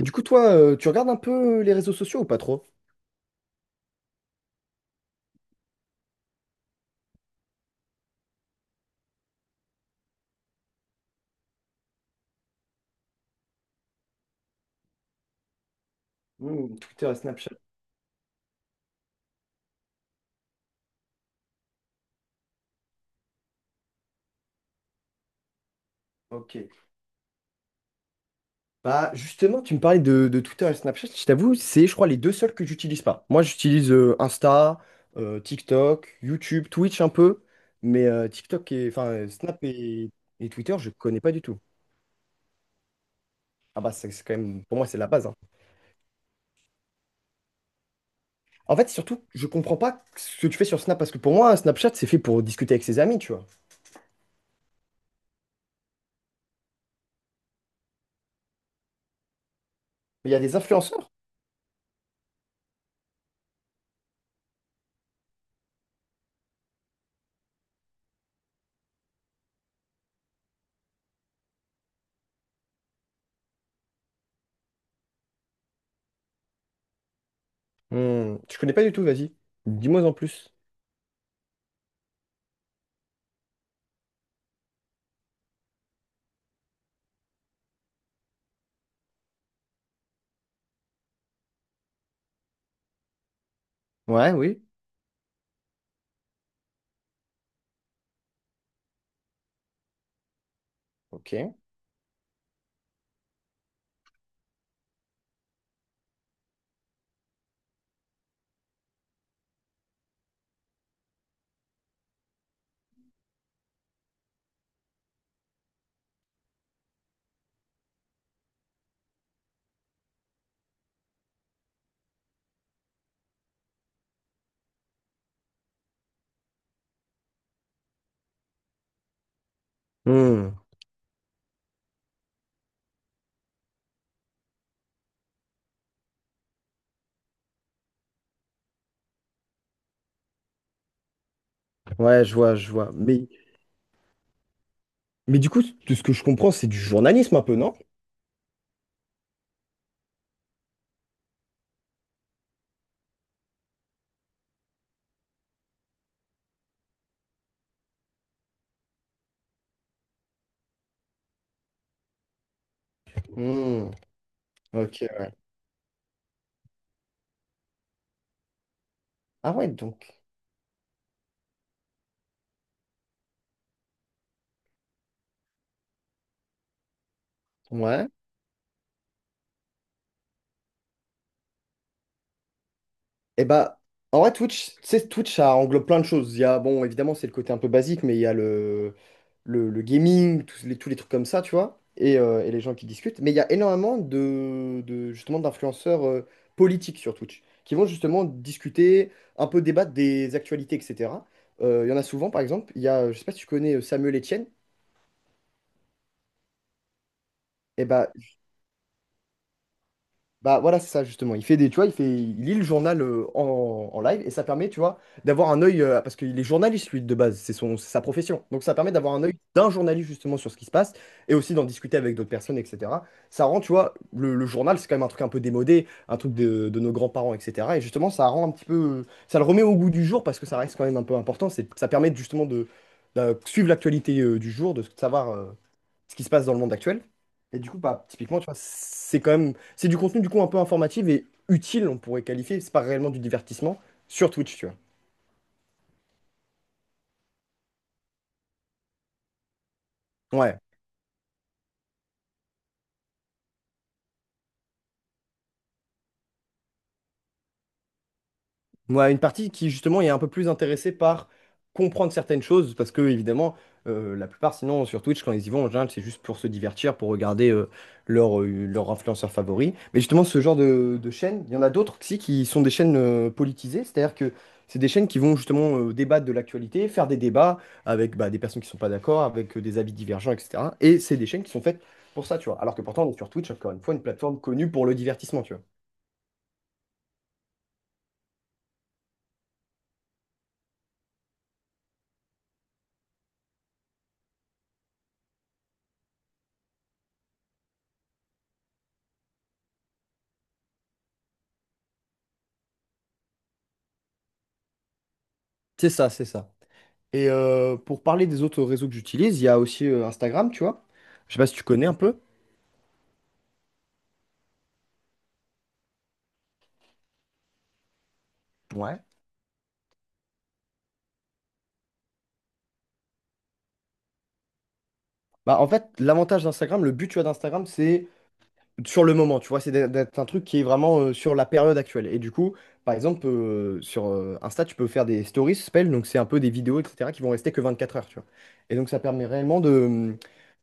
Du coup, toi, tu regardes un peu les réseaux sociaux ou pas trop? Hmm, Twitter et Snapchat. Ok. Bah justement, tu me parlais de Twitter et Snapchat, je t'avoue, c'est je crois les deux seuls que j'utilise pas. Moi j'utilise Insta, TikTok, YouTube, Twitch un peu, mais TikTok et enfin Snap et Twitter, je connais pas du tout. Ah bah c'est quand même pour moi c'est la base, hein. En fait, surtout, je comprends pas ce que tu fais sur Snap parce que pour moi Snapchat c'est fait pour discuter avec ses amis, tu vois. Mais il y a des influenceurs. Hmm, je connais pas du tout, vas-y. Dis-moi en plus. Ouais, oui. Ok. Hmm, ouais, je vois, je vois. Mais du coup, de ce que je comprends, c'est du journalisme un peu, non? Hmm, ok, ouais. Ah ouais, donc. Ouais. Et bah, en vrai, Twitch, tu sais, Twitch, ça englobe plein de choses. Il y a, bon, évidemment, c'est le côté un peu basique, mais il y a le gaming, tous les trucs comme ça, tu vois, et les gens qui discutent. Mais il y a énormément justement, d'influenceurs politiques sur Twitch, qui vont justement discuter, un peu débattre des actualités, etc. Il y en a souvent, par exemple, il y a, je sais pas si tu connais Samuel Etienne, et bah, bah voilà, c'est ça justement. Il fait des, tu vois, il fait, il lit le journal en live et ça permet, tu vois, d'avoir un œil parce qu'il est journaliste lui de base, c'est son, c'est sa profession. Donc ça permet d'avoir un œil d'un journaliste justement sur ce qui se passe et aussi d'en discuter avec d'autres personnes, etc. Ça rend, tu vois, le journal c'est quand même un truc un peu démodé, un truc de nos grands-parents, etc. Et justement, ça rend un petit peu, ça le remet au goût du jour parce que ça reste quand même un peu important. C'est, ça permet justement de suivre l'actualité du jour, de savoir, ce qui se passe dans le monde actuel. Et du coup, bah, typiquement, tu vois, c'est quand même, c'est du contenu du coup un peu informatif et utile, on pourrait qualifier. C'est pas réellement du divertissement sur Twitch, tu vois. Ouais. Ouais, une partie qui justement est un peu plus intéressée par comprendre certaines choses, parce que évidemment, la plupart sinon sur Twitch, quand ils y vont, en général, c'est juste pour se divertir, pour regarder leur influenceur favori. Mais justement, ce genre de chaînes, il y en a d'autres aussi qui sont des chaînes politisées, c'est-à-dire que c'est des chaînes qui vont justement débattre de l'actualité, faire des débats avec bah, des personnes qui ne sont pas d'accord, avec des avis divergents, etc. Et c'est des chaînes qui sont faites pour ça, tu vois. Alors que pourtant, on est sur Twitch, encore une fois, une plateforme connue pour le divertissement, tu vois. C'est ça, c'est ça. Et pour parler des autres réseaux que j'utilise, il y a aussi Instagram, tu vois. Je sais pas si tu connais un peu. Ouais. Bah, en fait, l'avantage d'Instagram, le but, tu vois, d'Instagram, c'est sur le moment, tu vois, c'est d'être un truc qui est vraiment sur la période actuelle. Et du coup, par exemple, sur Insta, tu peux faire des stories, ça s'appelle, donc c'est un peu des vidéos, etc., qui vont rester que 24 heures, tu vois. Et donc, ça permet réellement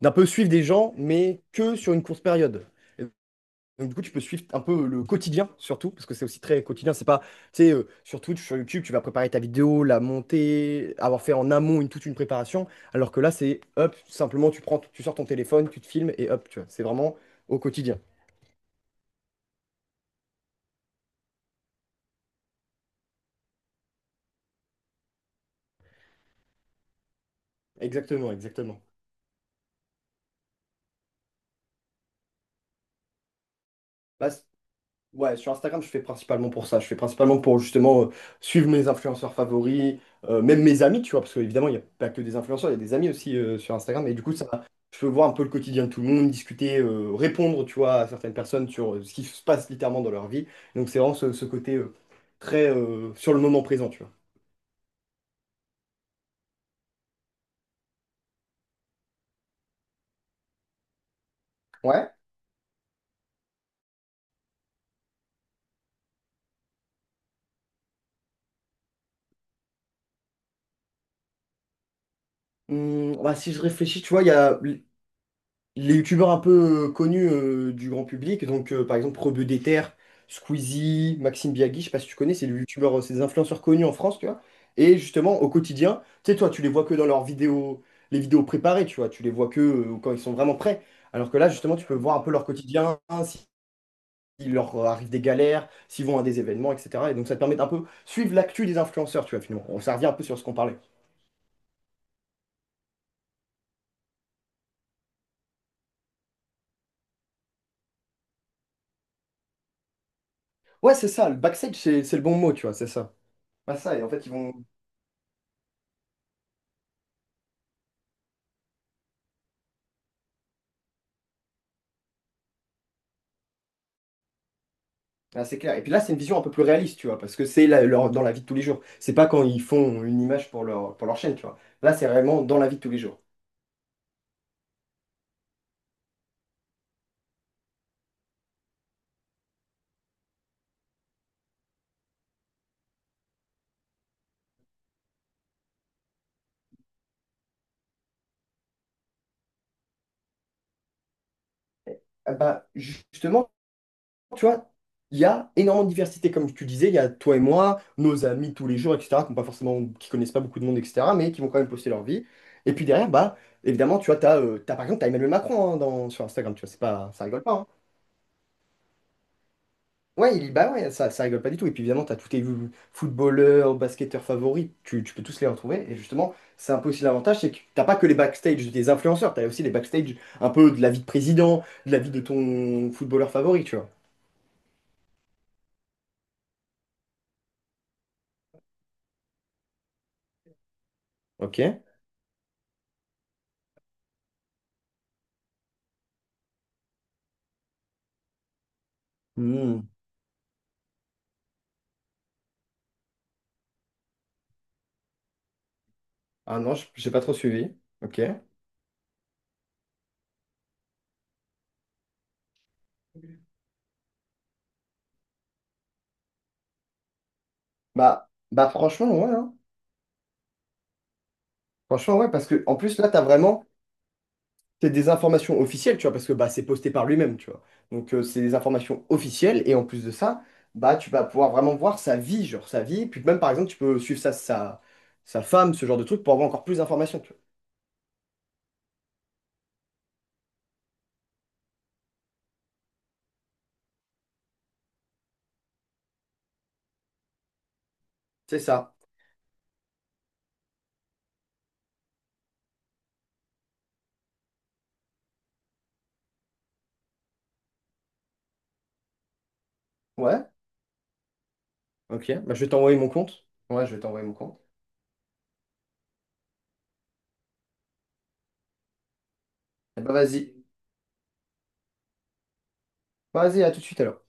d'un peu suivre des gens, mais que sur une courte période. Donc, du coup, tu peux suivre un peu le quotidien, surtout, parce que c'est aussi très quotidien. C'est pas, tu sais, sur Twitch, sur YouTube, tu vas préparer ta vidéo, la monter, avoir fait en amont une, toute une préparation, alors que là, c'est hop, simplement, tu prends, tu sors ton téléphone, tu te filmes et hop, tu vois, c'est vraiment au quotidien. Exactement, exactement. Bah, ouais, sur Instagram, je fais principalement pour ça. Je fais principalement pour justement suivre mes influenceurs favoris, même mes amis, tu vois, parce qu'évidemment, il n'y a pas que des influenceurs, il y a des amis aussi sur Instagram. Et du coup, ça, je peux voir un peu le quotidien de tout le monde, discuter, répondre, tu vois, à certaines personnes sur ce qui se passe littéralement dans leur vie. Donc, c'est vraiment ce, ce côté, très sur le moment présent, tu vois. Ouais. Bah, si je réfléchis, tu vois, il y a les youtubeurs un peu connus du grand public, donc par exemple Rebeu des Terres, Squeezie, Maxime Biagui, je sais pas si tu connais, c'est les youtubeurs, c'est des influenceurs connus en France, tu vois. Et justement, au quotidien, tu sais, toi, tu les vois que dans leurs vidéos, les vidéos préparées, tu vois, tu les vois que quand ils sont vraiment prêts. Alors que là, justement, tu peux voir un peu leur quotidien, hein, s'il leur arrive des galères, s'ils vont à des événements, etc. Et donc, ça te permet d'un peu suivre l'actu des influenceurs, tu vois, finalement. Ça revient un peu sur ce qu'on parlait. Ouais, c'est ça, le backstage, c'est le bon mot, tu vois, c'est ça. Bah ça, et en fait, ils vont. Ah, c'est clair. Et puis là, c'est une vision un peu plus réaliste, tu vois, parce que c'est dans la vie de tous les jours. C'est pas quand ils font une image pour leur chaîne, tu vois. Là, c'est vraiment dans la vie de tous les jours. Ah bah, justement, tu vois, il y a énormément de diversité, comme tu disais. Il y a toi et moi, nos amis de tous les jours, etc., qui ont pas forcément, qui connaissent pas beaucoup de monde, etc., mais qui vont quand même poster leur vie. Et puis derrière, bah, évidemment, tu vois, t'as, par exemple, t'as Emmanuel Macron hein, dans, sur Instagram, tu vois, c'est pas, ça rigole pas, hein. Ouais, bah ouais, ça rigole pas du tout. Et puis évidemment, t'as tous tes footballeurs, basketteurs favoris, tu peux tous les retrouver. Et justement, c'est un peu aussi l'avantage, c'est que t'as pas que les backstage des influenceurs, t'as aussi les backstage un peu de la vie de président, de la vie de ton footballeur favori, tu vois. Ok. Hmm. Ah non, j'ai pas trop suivi. Ok. Bah, bah franchement, ouais, hein. Franchement, ouais, parce que en plus, là, t'as vraiment. C'est des informations officielles, tu vois, parce que bah, c'est posté par lui-même, tu vois. Donc, c'est des informations officielles, et en plus de ça, bah, tu vas pouvoir vraiment voir sa vie, genre sa vie. Puis même, par exemple, tu peux suivre sa, sa femme, ce genre de truc, pour avoir encore plus d'informations, tu vois. C'est ça. Ouais, ok. Bah, je vais t'envoyer mon compte. Ouais, je vais t'envoyer mon compte. Eh bah, vas-y. Vas-y, à tout de suite alors.